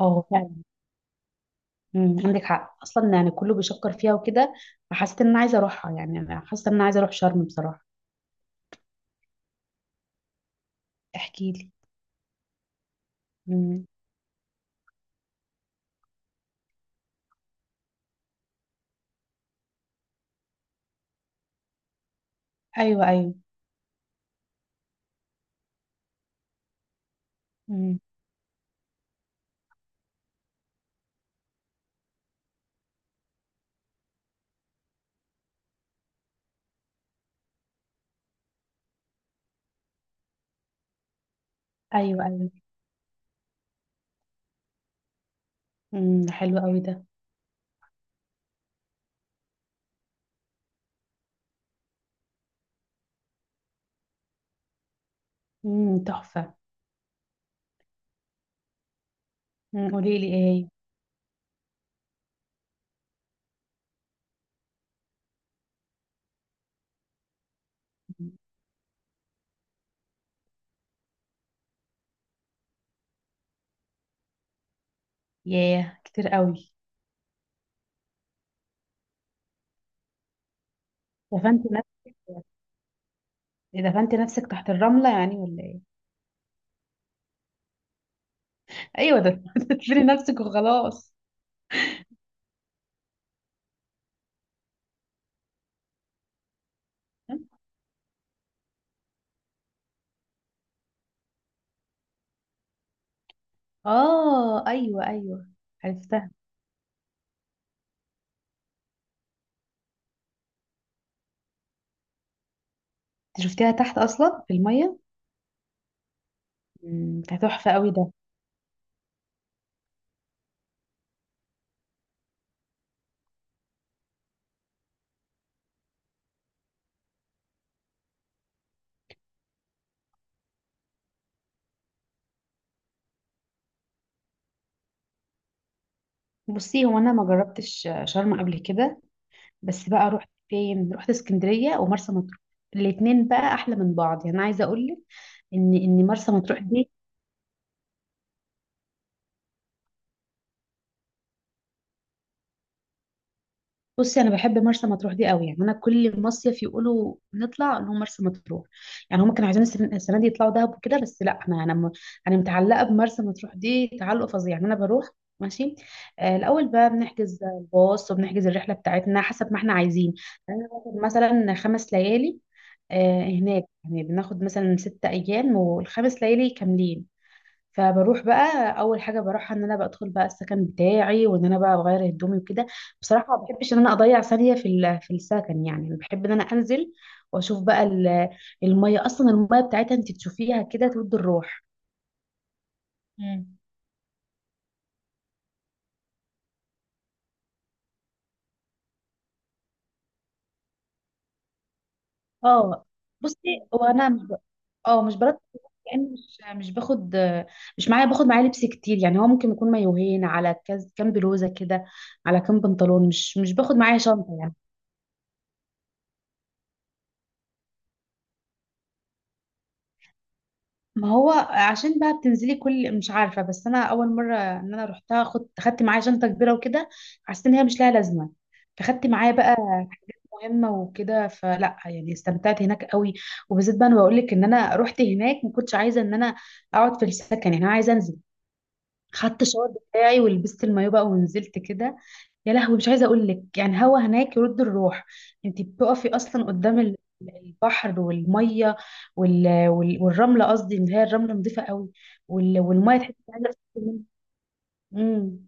اه فعلا. عندك حق اصلا، يعني كله بيشكر فيها وكده، فحسيت ان انا عايزه اروحها، يعني انا حاسه ان انا عايزه اروح شرم بصراحه. احكي لي. مم. ايوه ايوه. مم. ايوه ايوه. مم. ده حلو قوي ده. مم. تحفه. مم. قولي لي ايه. مم. ياه كتير قوي. دفنت نفسك. دفنت نفسك تحت الرمله يعني ولا ايه؟ ايوه ده دفني نفسك وخلاص. اه ايوه ايوه. عرفتها. انت شفتيها تحت اصلا في الميه؟ مم. ده تحفه قوي ده. بصي، هو انا ما جربتش شرم قبل كده، بس بقى رحت فين؟ رحت اسكندريه ومرسى مطروح. الاتنين بقى احلى من بعض، يعني انا عايزه اقول لك ان مرسى مطروح دي. بصي انا بحب مرسى مطروح دي قوي، يعني انا كل مصيف يقولوا نطلع نقول مرسى مطروح. يعني هم كانوا عايزين السنه دي يطلعوا دهب وكده، بس لا انا متعلقه بمرسى مطروح دي تعلق فظيع، يعني انا بروح. ماشي. الاول بقى بنحجز الباص وبنحجز الرحله بتاعتنا حسب ما احنا عايزين. يعني انا باخد مثلا 5 ليالي هناك، يعني بناخد مثلا 6 ايام والخمس ليالي كاملين. فبروح بقى اول حاجه بروحها ان انا بدخل بقى السكن بتاعي وان انا بقى بغير هدومي وكده. بصراحه ما بحبش ان انا اضيع ثانيه في السكن، يعني أنا بحب ان انا انزل واشوف بقى الميه. اصلا الميه بتاعتها انت تشوفيها كده تود الروح. مم. اه. بصي وانا مش ب... اه مش برد، يعني مش باخد، مش معايا باخد معايا لبس كتير. يعني هو ممكن يكون مايوهين على كام بلوزه كده، على كام بنطلون. مش باخد معايا شنطه يعني. ما هو عشان بقى بتنزلي كل، مش عارفه، بس انا اول مره ان انا رحتها خدت معايا شنطه كبيره وكده. حسيت ان هي مش لها لازمه. فخدت معايا بقى مهمه وكده. فلا يعني استمتعت هناك قوي. وبالذات بقى انا بقول لك ان انا رحت هناك ما كنتش عايزه ان انا اقعد في السكن، يعني انا عايزه انزل. خدت الشاور بتاعي ولبست المايو بقى ونزلت كده. يا لهوي، مش عايزه اقول لك، يعني هوا هناك يرد الروح. انت بتقفي اصلا البحر والميه، والرمله قصدي، اللي هي الرمله نظيفه قوي، والميه تحسي إنها عايزه تشربي منها. امم.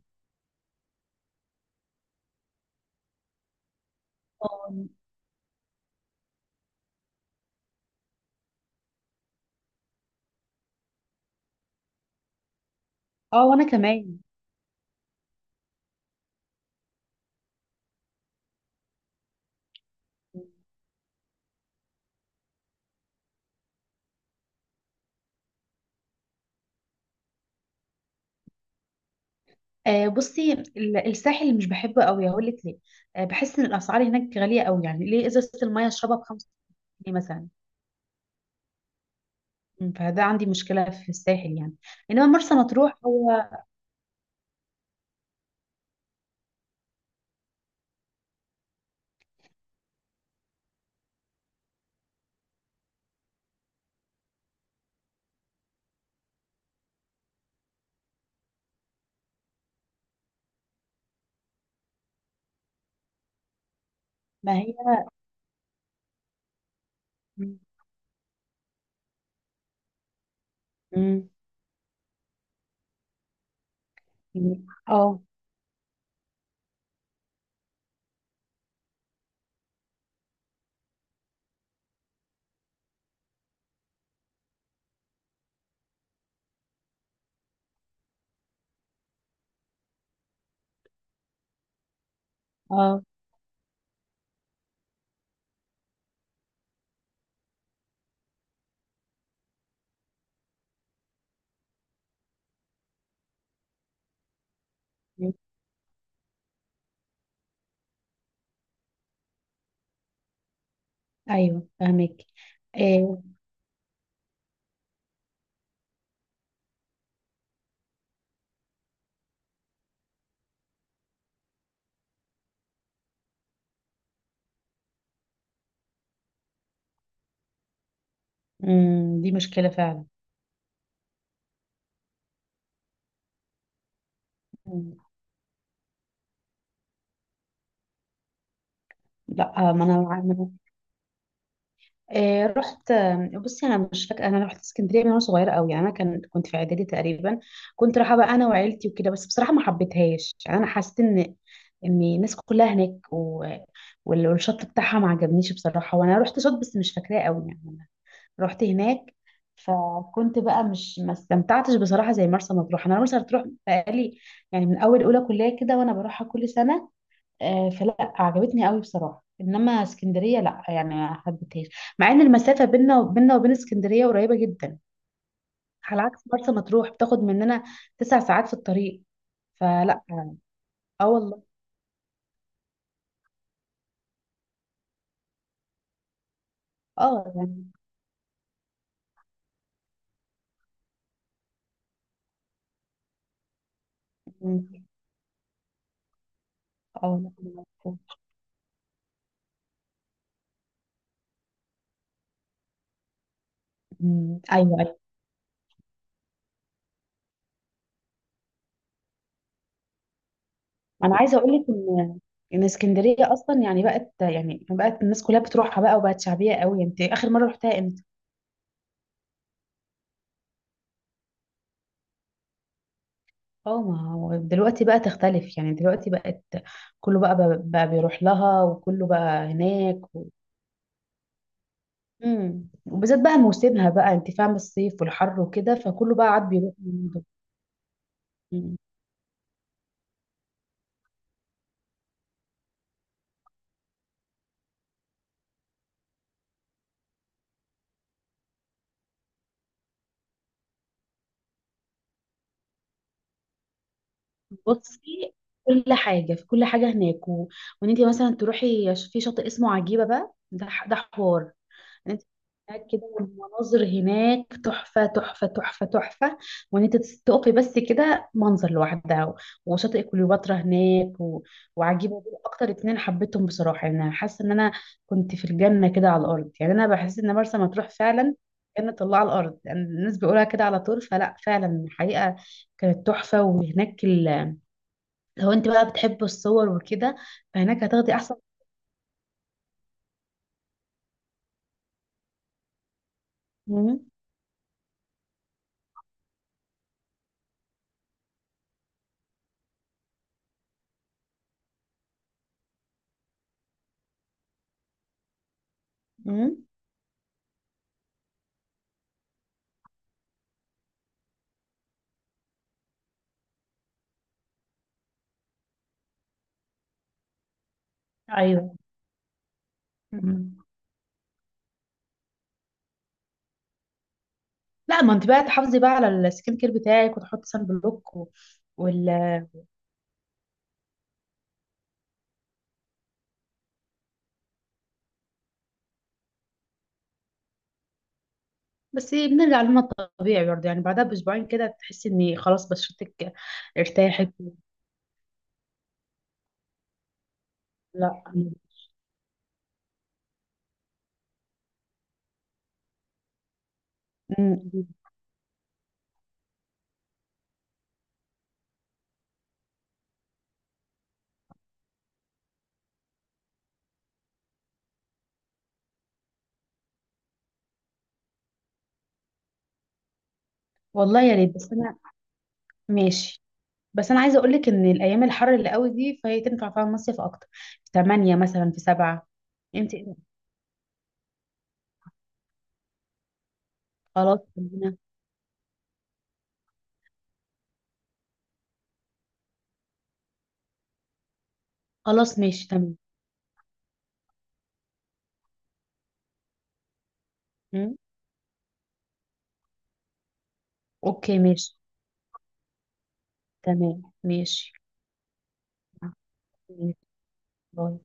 اه. آه، وانا كمان. بصي الساحل مش بحبه قوي، هقول لك ليه. بحس ان الاسعار هناك غاليه قوي، يعني ليه ازازه الميه اشربها ب5 جنيه مثلا؟ فده عندي مشكله في الساحل يعني. انما مرسى مطروح هو. ما هي. مم. مم. اه. اه ايوه فاهمك. إيه. أمم. دي مشكله فعلا. أمم. لا. ما انا ما أنا- إيه. رحت. بصي انا مش فاكره. انا رحت اسكندريه من وانا صغيره قوي، يعني انا كان كنت في اعدادي تقريبا. كنت رايحه بقى انا وعيلتي وكده، بس بصراحه ما حبيتهاش. يعني انا حسيت ان ان الناس كلها هناك والشط بتاعها ما عجبنيش بصراحه، وانا رحت شط بس مش فاكراه قوي يعني. رحت هناك، فكنت بقى مش ما استمتعتش بصراحه زي مرسى مطروح. انا مرسى مطروح بقالي، يعني من اول اولى كليه كده وانا بروحها كل سنه. فلا عجبتني قوي بصراحه، انما اسكندريه لا، يعني ما حبيتهاش. مع ان المسافه بيننا وبين اسكندريه قريبه جدا، على عكس مرسى مطروح بتاخد مننا 9 ساعات في الطريق. فلا. اه والله. اه يعني. اه لا. أمم. ايوه. انا عايزه اقول لك ان اسكندريه اصلا يعني بقت، يعني بقت الناس كلها بتروحها بقى وبقت شعبيه قوي. انت اخر مره رحتها امتى؟ اه ما هو دلوقتي بقى تختلف، يعني دلوقتي بقت كله بقى، بقى بيروح لها وكله بقى هناك مم. وبالذات بقى موسمها بقى، انت فاهمه الصيف والحر وكده، فكله بقى عاد بيروح هناك. مم. بصي كل حاجه، في كل حاجه هناك وان انت مثلا في شاطئ اسمه عجيبه بقى ده حوار. انت هناك كده، والمناظر هناك تحفة تحفة تحفة تحفة. وان انت تقفي بس كده، منظر لوحدها. و- وشاطئ كليوباترا هناك وعجيبة دول اكتر اتنين حبيتهم بصراحة. يعني انا حاسة ان انا كنت في الجنة كده على الارض، يعني انا بحس ان مرسى مطروح فعلا كانت الله على الارض، يعني الناس بيقولها كده على طول، فلا فعلا الحقيقة كانت تحفة. وهناك لو انت بقى بتحب الصور وكده فهناك هتاخدي احسن. مم. مم. ايوه. مم. لا ما انت بقى تحافظي بقى على السكين كير بتاعك وتحطي سان بلوك. و... وال بس بنرجع لنا الطبيعي برضه، يعني بعدها باسبوعين كده تحسي ان خلاص بشرتك ارتاحت. لا. أمم. والله يا ريت. بس انا ماشي. بس انا عايزه اقول لك ان الايام الحر اللي قوي دي فهي تنفع فيها المصيف اكتر في 8 مثلا في 7. انت. خلاص خلينا- خلاص ماشي تمام. أمم. اوكي ماشي. تمام ماشي. باي.